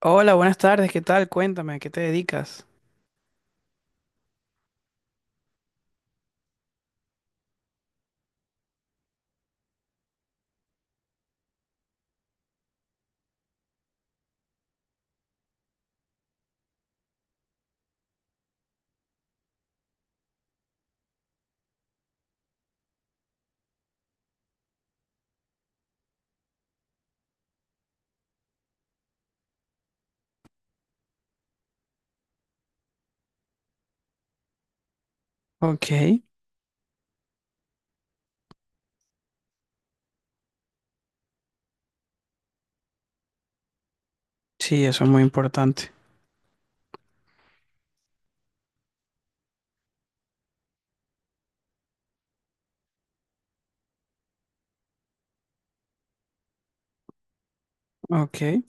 Hola, buenas tardes, ¿qué tal? Cuéntame, ¿a qué te dedicas? Ok, sí, eso es muy importante. Ok.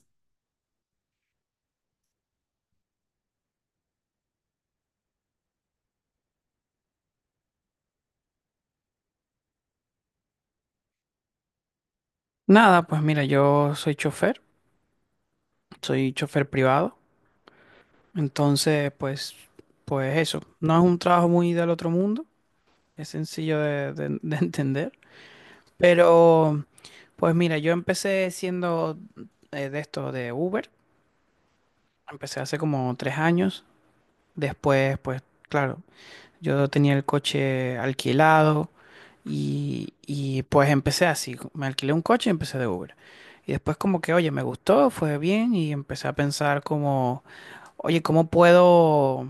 Nada, pues mira, yo soy chofer privado, entonces pues, pues eso, no es un trabajo muy del otro mundo, es sencillo de entender, pero pues mira, yo empecé siendo de esto de Uber, empecé hace como tres años, después pues claro, yo tenía el coche alquilado y pues empecé así, me alquilé un coche y empecé de Uber. Y después como que, oye, me gustó, fue bien y empecé a pensar como, oye,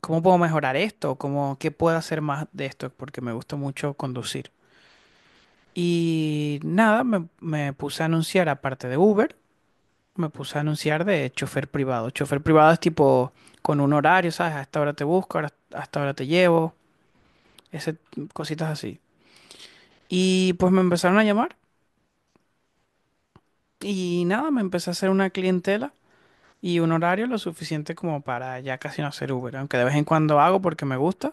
¿cómo puedo mejorar esto? ¿Cómo, qué puedo hacer más de esto? Porque me gusta mucho conducir. Y nada, me puse a anunciar, aparte de Uber, me puse a anunciar de chofer privado. Chofer privado es tipo con un horario, ¿sabes? A esta hora te busco, a esta hora te llevo, ese, cositas así. Y pues me empezaron a llamar y nada, me empecé a hacer una clientela y un horario lo suficiente como para ya casi no hacer Uber, aunque de vez en cuando hago porque me gusta,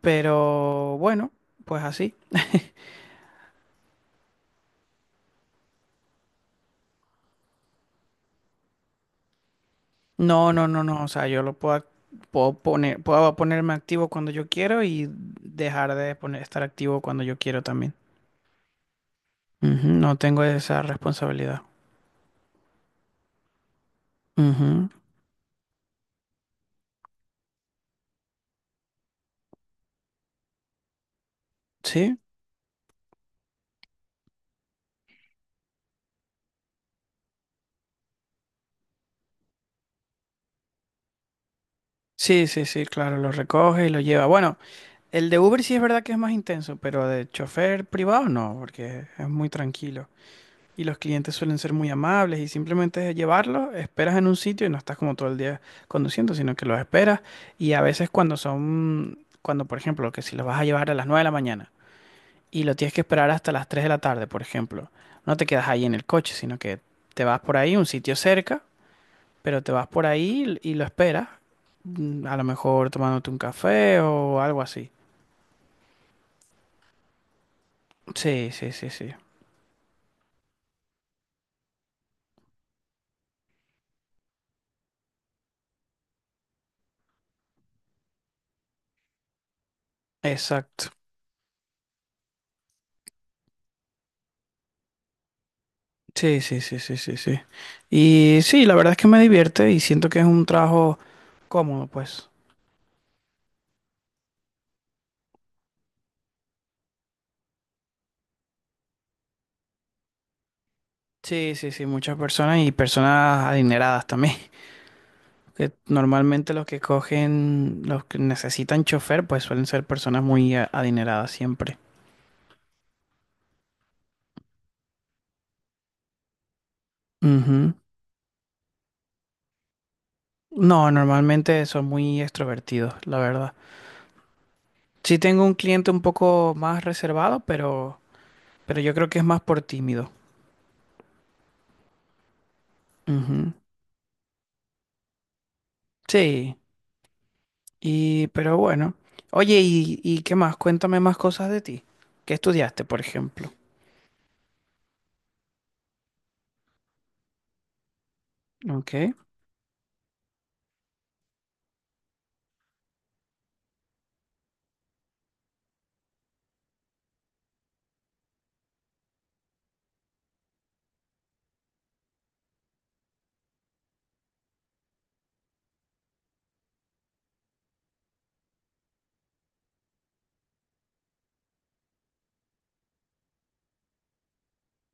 pero bueno, pues así. No, no, no, no, o sea, puedo poner, puedo ponerme activo cuando yo quiero y dejar de poner, estar activo cuando yo quiero también. Ujú, no tengo esa responsabilidad. Ujú, sí, sí, sí, sí, claro, lo recoge y lo lleva. Bueno, el de Uber sí es verdad que es más intenso, pero de chofer privado no, porque es muy tranquilo. Y los clientes suelen ser muy amables y simplemente es llevarlos, esperas en un sitio y no estás como todo el día conduciendo, sino que los esperas. Y a veces cuando son, cuando por ejemplo, que si los vas a llevar a las 9 de la mañana y lo tienes que esperar hasta las 3 de la tarde, por ejemplo, no te quedas ahí en el coche, sino que te vas por ahí, un sitio cerca, pero te vas por ahí y lo esperas, a lo mejor tomándote un café o algo así. Sí, sí, sí, sí. Exacto. Sí, sí, sí, sí, sí, sí. Y sí, la verdad es que me divierte y siento que es un trabajo cómodo, pues. Sí, sí, sí, muchas personas y personas adineradas también. Que normalmente los que cogen, los que necesitan chofer, pues suelen ser personas muy adineradas siempre. Ujú. No, normalmente son muy extrovertidos, la verdad. Sí tengo un cliente un poco más reservado, pero yo creo que es más por tímido. Ujú. Sí, y, pero bueno. Oye, y qué más? Cuéntame más cosas de ti. ¿Qué estudiaste, por ejemplo? Ok.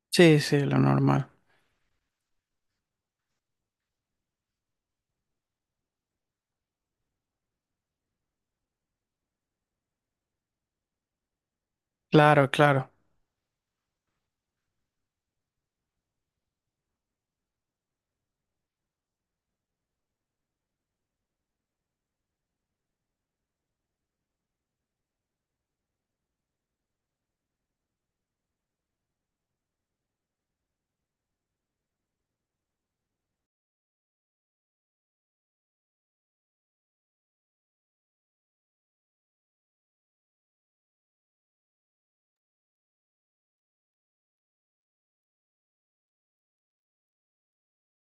Sí, sí, lo normal. Claro, claro,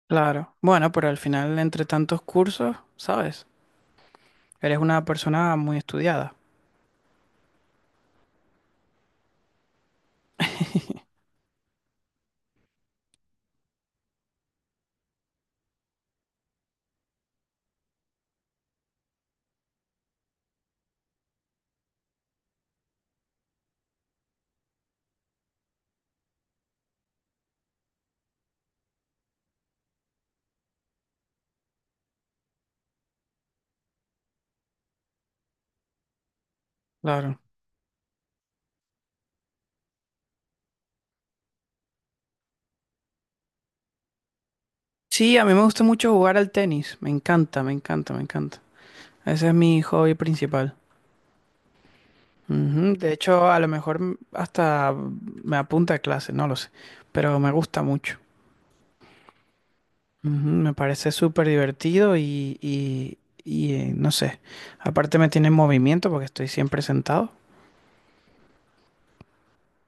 claro. Bueno, pero al final, entre tantos cursos, ¿sabes? Eres una persona muy estudiada. Claro. Sí, a mí me gusta mucho jugar al tenis. Me encanta, me encanta, me encanta. Ese es mi hobby principal. Ujú, de hecho, a lo mejor hasta me apunta a clase, no lo sé. Pero me gusta mucho. Ujú, me parece súper divertido y no sé, aparte me tiene en movimiento porque estoy siempre sentado.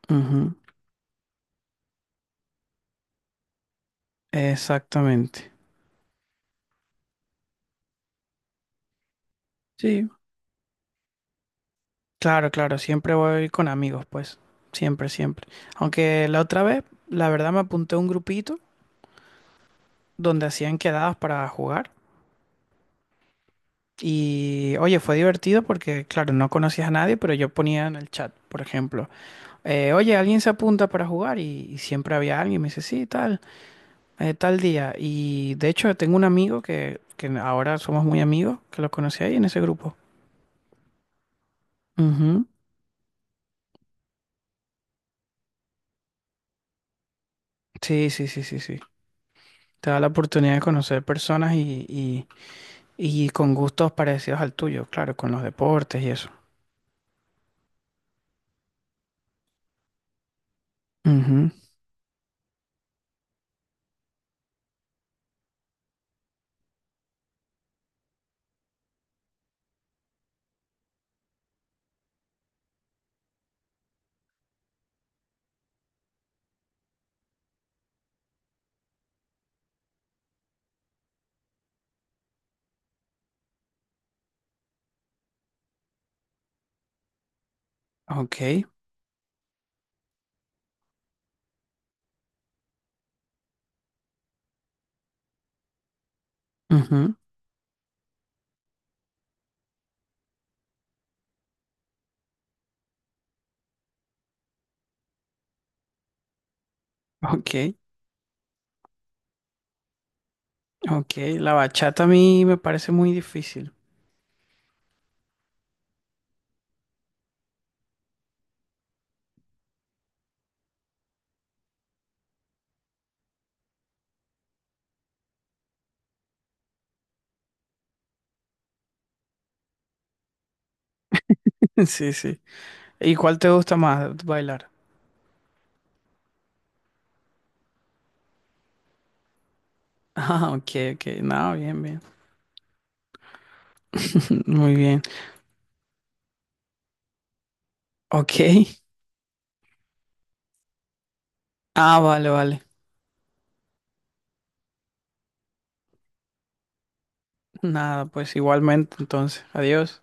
Ujú, exactamente. Sí, claro, claro, siempre voy con amigos, pues, siempre, siempre. Aunque la otra vez, la verdad, me apunté a un grupito donde hacían quedadas para jugar y, oye, fue divertido porque, claro, no conocías a nadie, pero yo ponía en el chat, por ejemplo, oye, alguien se apunta para jugar y siempre había alguien, me dice, sí, tal. Tal día. Y de hecho tengo un amigo que ahora somos muy amigos, que lo conocí ahí en ese grupo. Ujú. Sí, sí, sí, sí, sí. Te da la oportunidad de conocer personas y con gustos parecidos al tuyo, claro, con los deportes y eso. Ujú. Ok, ujú. Ok, ok. La bachata a mí me parece muy difícil. Sí, sí. ¿Y cuál te gusta más bailar? Ah, ok, ok. No, bien, bien. Muy bien. Ok. Ah, vale, vale. Nada, pues igualmente, entonces, adiós.